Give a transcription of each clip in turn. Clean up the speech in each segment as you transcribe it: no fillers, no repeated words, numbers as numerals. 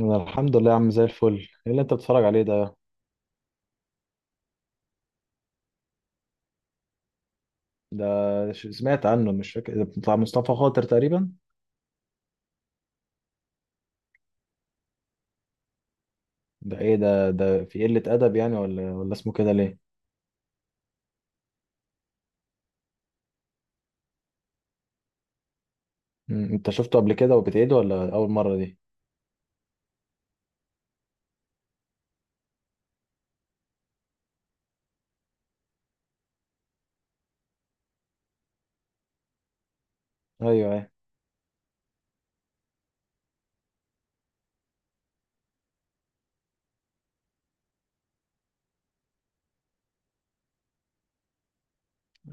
أنا الحمد لله يا عم زي الفل. ايه اللي انت بتتفرج عليه ده؟ ده سمعت عنه، مش فاكر، ده بتاع مصطفى خاطر تقريبا. ده ايه ده في قلة ادب يعني، ولا اسمه كده ليه؟ انت شفته قبل كده وبتعيده ولا اول مرة دي؟ ايوه، ايوه.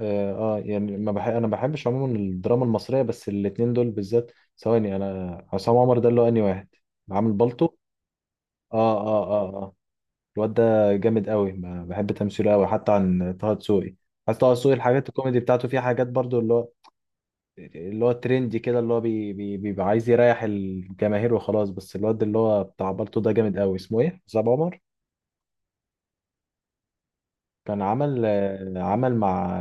يعني ما بح... انا بحبش عموما الدراما المصرية، بس الاتنين دول بالذات. ثواني، انا عصام عمر ده اللي هو انهي واحد؟ عامل بالطو؟ اه، اه، اه، اه. الواد ده جامد قوي، بحب تمثيله قوي حتى عن طه دسوقي. حتى طه دسوقي الحاجات الكوميدي بتاعته فيها حاجات برضو، اللي هو ترندي كده، اللي هو بي بي بيبقى عايز يريح الجماهير وخلاص. بس الواد اللي هو بتاع بالطو ده جامد قوي، اسمه ايه، حسام عمر. كان عمل، عمل مع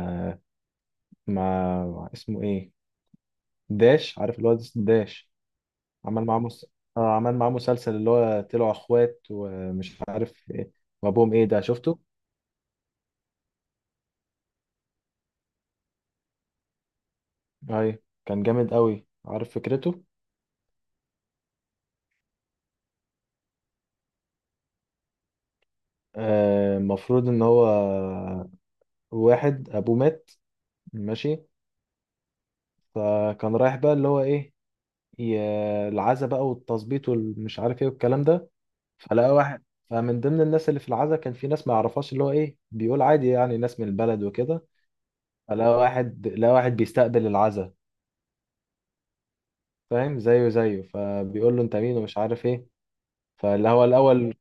مع اسمه ايه، داش، عارف الواد اسمه داش. عمل معاه مس... عمل معاه مسلسل اللي هو طلعوا اخوات ومش عارف ايه، وابوهم، ايه ده شفته؟ ايوه، كان جامد قوي، عارف فكرته؟ المفروض ان هو واحد ابوه مات، ماشي، فكان رايح بقى اللي هو ايه، العزا بقى، والتظبيط والمش عارف ايه والكلام ده. فلقى واحد، فمن ضمن الناس اللي في العزا كان في ناس ما يعرفهاش، اللي هو ايه، بيقول عادي يعني، ناس من البلد وكده. فلقى واحد لقى واحد بيستقبل العزا، فاهم، زيه زيه، فبيقول له انت مين ومش عارف ايه، فاللي هو الاول،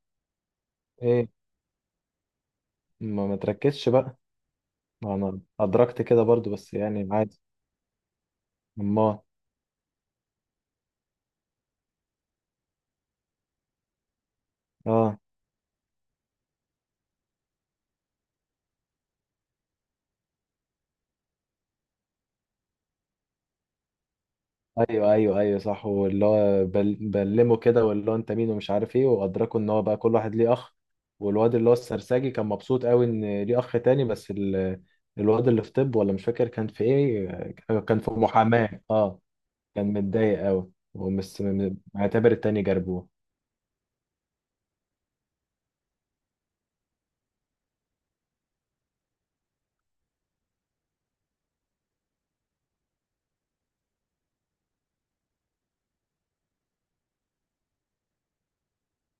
ايه، ما تركزش بقى، ما انا ادركت كده برضو، بس يعني عادي. امال. اه، ايوه، ايوه، ايوه، صح، واللي هو بلمه كده، واللي هو انت مين ومش عارف ايه، وادركوا ان هو بقى كل واحد ليه اخ. والواد اللي هو السرساجي كان مبسوط قوي ان ليه اخ تاني، بس ال... الواد اللي في طب، ولا مش فاكر كان في ايه، كان في محاماة، اه. كان متضايق قوي معتبر التاني جربوه.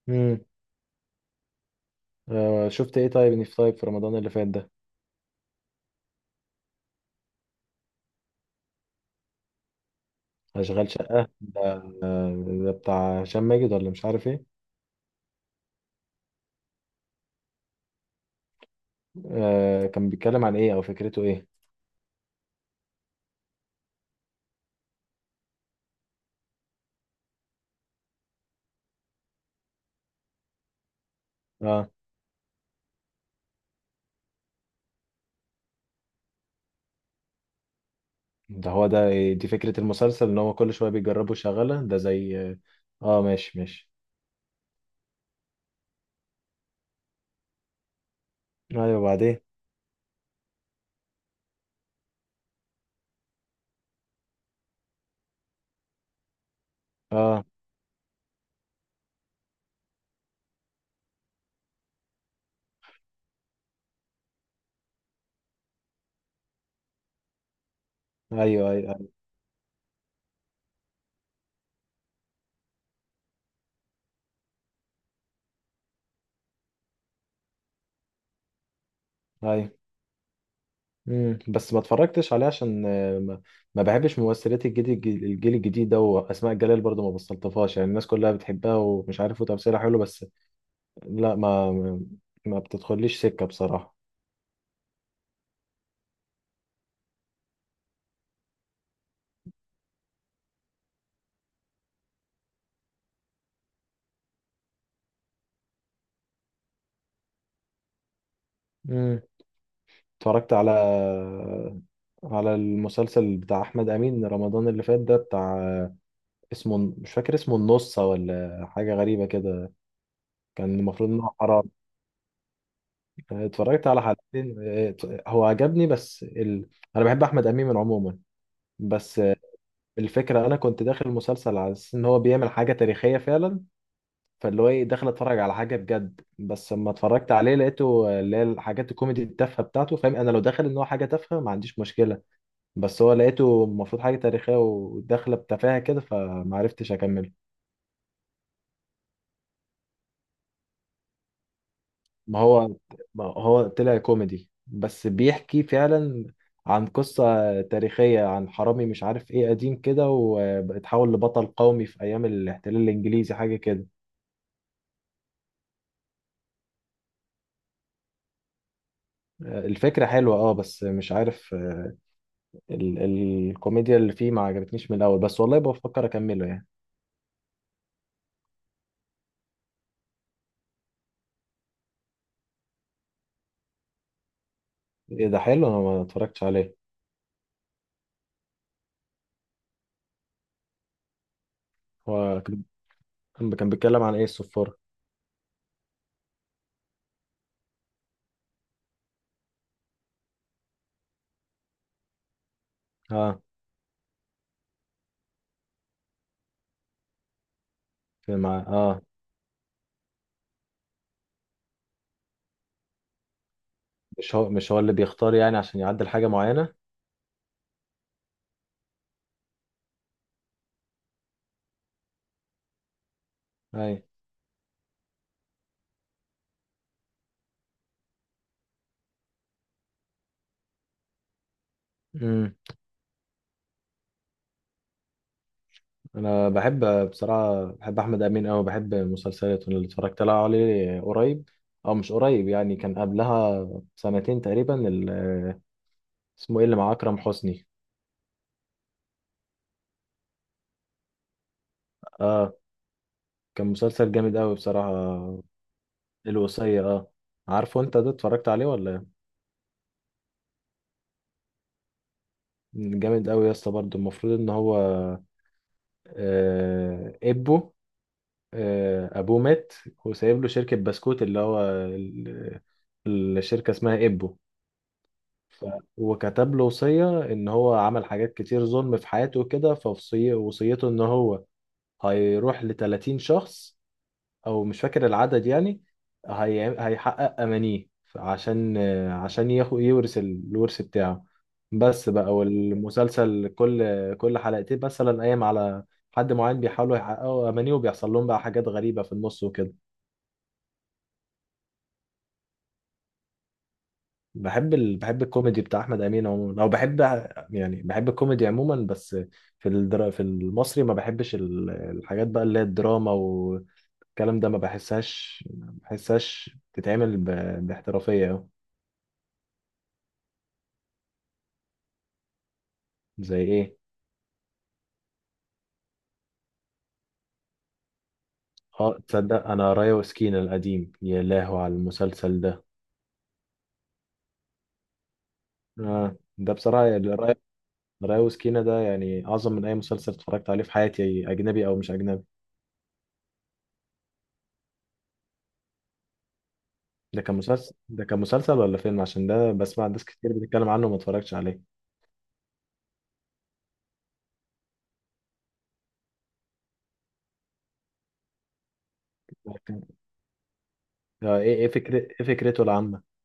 امم. شفت ايه طيب، اني في طيب في رمضان اللي فات ده، اشغال شقة ده، آه، ده بتاع هشام ماجد ولا مش عارف ايه، كان بيتكلم عن ايه او فكرته ايه؟ آه. ده هو ده دي فكرة المسلسل، ان هو كل شوية بيجربوا شغالة، ده زي اه، ماشي ماشي. ايوه، بعدين. اه، ايوه، ايوه، ايوه. بس ما اتفرجتش عليه عشان، ما بحبش ممثلات الجيل الجيل الجديد ده، واسماء جلال برضو ما بستلطفهاش يعني، الناس كلها بتحبها ومش عارف وتمثيلها حلو بس. لا، ما بتدخليش سكة بصراحة. امم اتفرجت على المسلسل بتاع احمد امين رمضان اللي فات ده، بتاع اسمه مش فاكر اسمه، النص ولا حاجة غريبة كده، كان المفروض إنه حرام. اتفرجت على حلقتين، هو عجبني بس أنا بحب أحمد أمين عموما، بس اه، الفكرة أنا كنت داخل المسلسل على أساس إن هو بيعمل حاجة تاريخية فعلا، فاللي هو إيه، داخل أتفرج على حاجة بجد، بس لما اتفرجت عليه لقيته اللي هي الحاجات الكوميدي التافهة بتاعته، فاهم، أنا لو داخل إن هو حاجة تافهة ما عنديش مشكلة، بس هو لقيته المفروض حاجة تاريخية وداخلة بتفاهة كده فمعرفتش أكمل. ما هو ما هو طلع كوميدي بس بيحكي فعلا عن قصة تاريخية، عن حرامي مش عارف ايه قديم كده، واتحول لبطل قومي في ايام الاحتلال الانجليزي، حاجة كده. الفكرة حلوة اه، بس مش عارف ال الكوميديا اللي فيه ما عجبتنيش من الاول، بس والله بفكر اكمله يعني. ايه ده، حلو، انا ما اتفرجتش عليه. كان بيتكلم عن ايه الصفارة؟ اه في مع مش هو، مش هو اللي بيختار يعني عشان يعدل حاجة معينة؟ اي، انا بحب، بحب احمد امين أوي، بحب مسلسلاته اللي اتفرجت لها عليه قريب، او مش قريب يعني، كان قبلها سنتين تقريبا، اسمه ايه اللي مع اكرم حسني؟ اه، كان مسلسل جامد أوي بصراحه. الوصيه، اه. عارفه انت ده اتفرجت عليه ولا إيه؟ جامد أوي يا اسطى، برضه المفروض ان هو، آه ابوه آه، ابوه مات، وسايب له شركه بسكوت اللي هو ال- الشركه اسمها ابو، فهو كتب له وصية إن هو عمل حاجات كتير ظلم في حياته وكده، فوصية وصيته إن هو هيروح لتلاتين شخص، أو مش فاكر العدد يعني، هيحقق أمانيه عشان ياخد يورث الورث بتاعه. بس بقى، والمسلسل كل حلقتين مثلا قايم على حد معين، بيحاولوا يحققوا أمانيه وبيحصل لهم بقى حاجات غريبة في النص وكده. بحب بحب الكوميدي بتاع احمد امين عموما، او بحب يعني بحب الكوميدي عموما بس. في في المصري ما بحبش الحاجات بقى اللي هي الدراما والكلام ده، ما بحسهاش تتعمل باحترافية أوي. زي ايه؟ اه، تصدق انا رايا وسكينة القديم، يا لهو على المسلسل ده. آه. ده بصراحة يعني، رايا وسكينة ده، يعني اعظم من اي مسلسل اتفرجت عليه في حياتي، اجنبي او مش اجنبي. ده كان مسلسل ولا فيلم؟ عشان ده بسمع ناس كتير بتتكلم عنه وما اتفرجتش عليه. لكن ايه، فكرة ايه فكرته العامة؟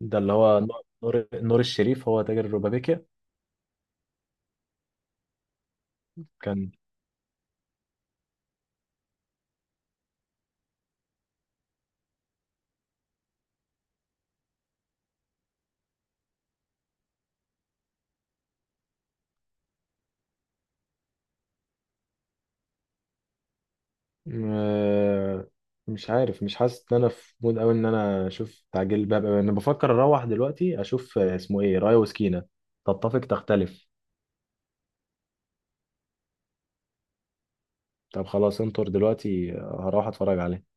ده اللي هو نور نور الشريف، هو تاجر الربابيكيا. كان آه، مش عارف، مش حاسس ان انا في مود قوي ان انا اشوف تعجيل الباب أوي. انا بفكر اروح دلوقتي اشوف، اسمه ايه، رايا وسكينة. تتفق تختلف. طب خلاص انطر دلوقتي، هروح اتفرج عليه.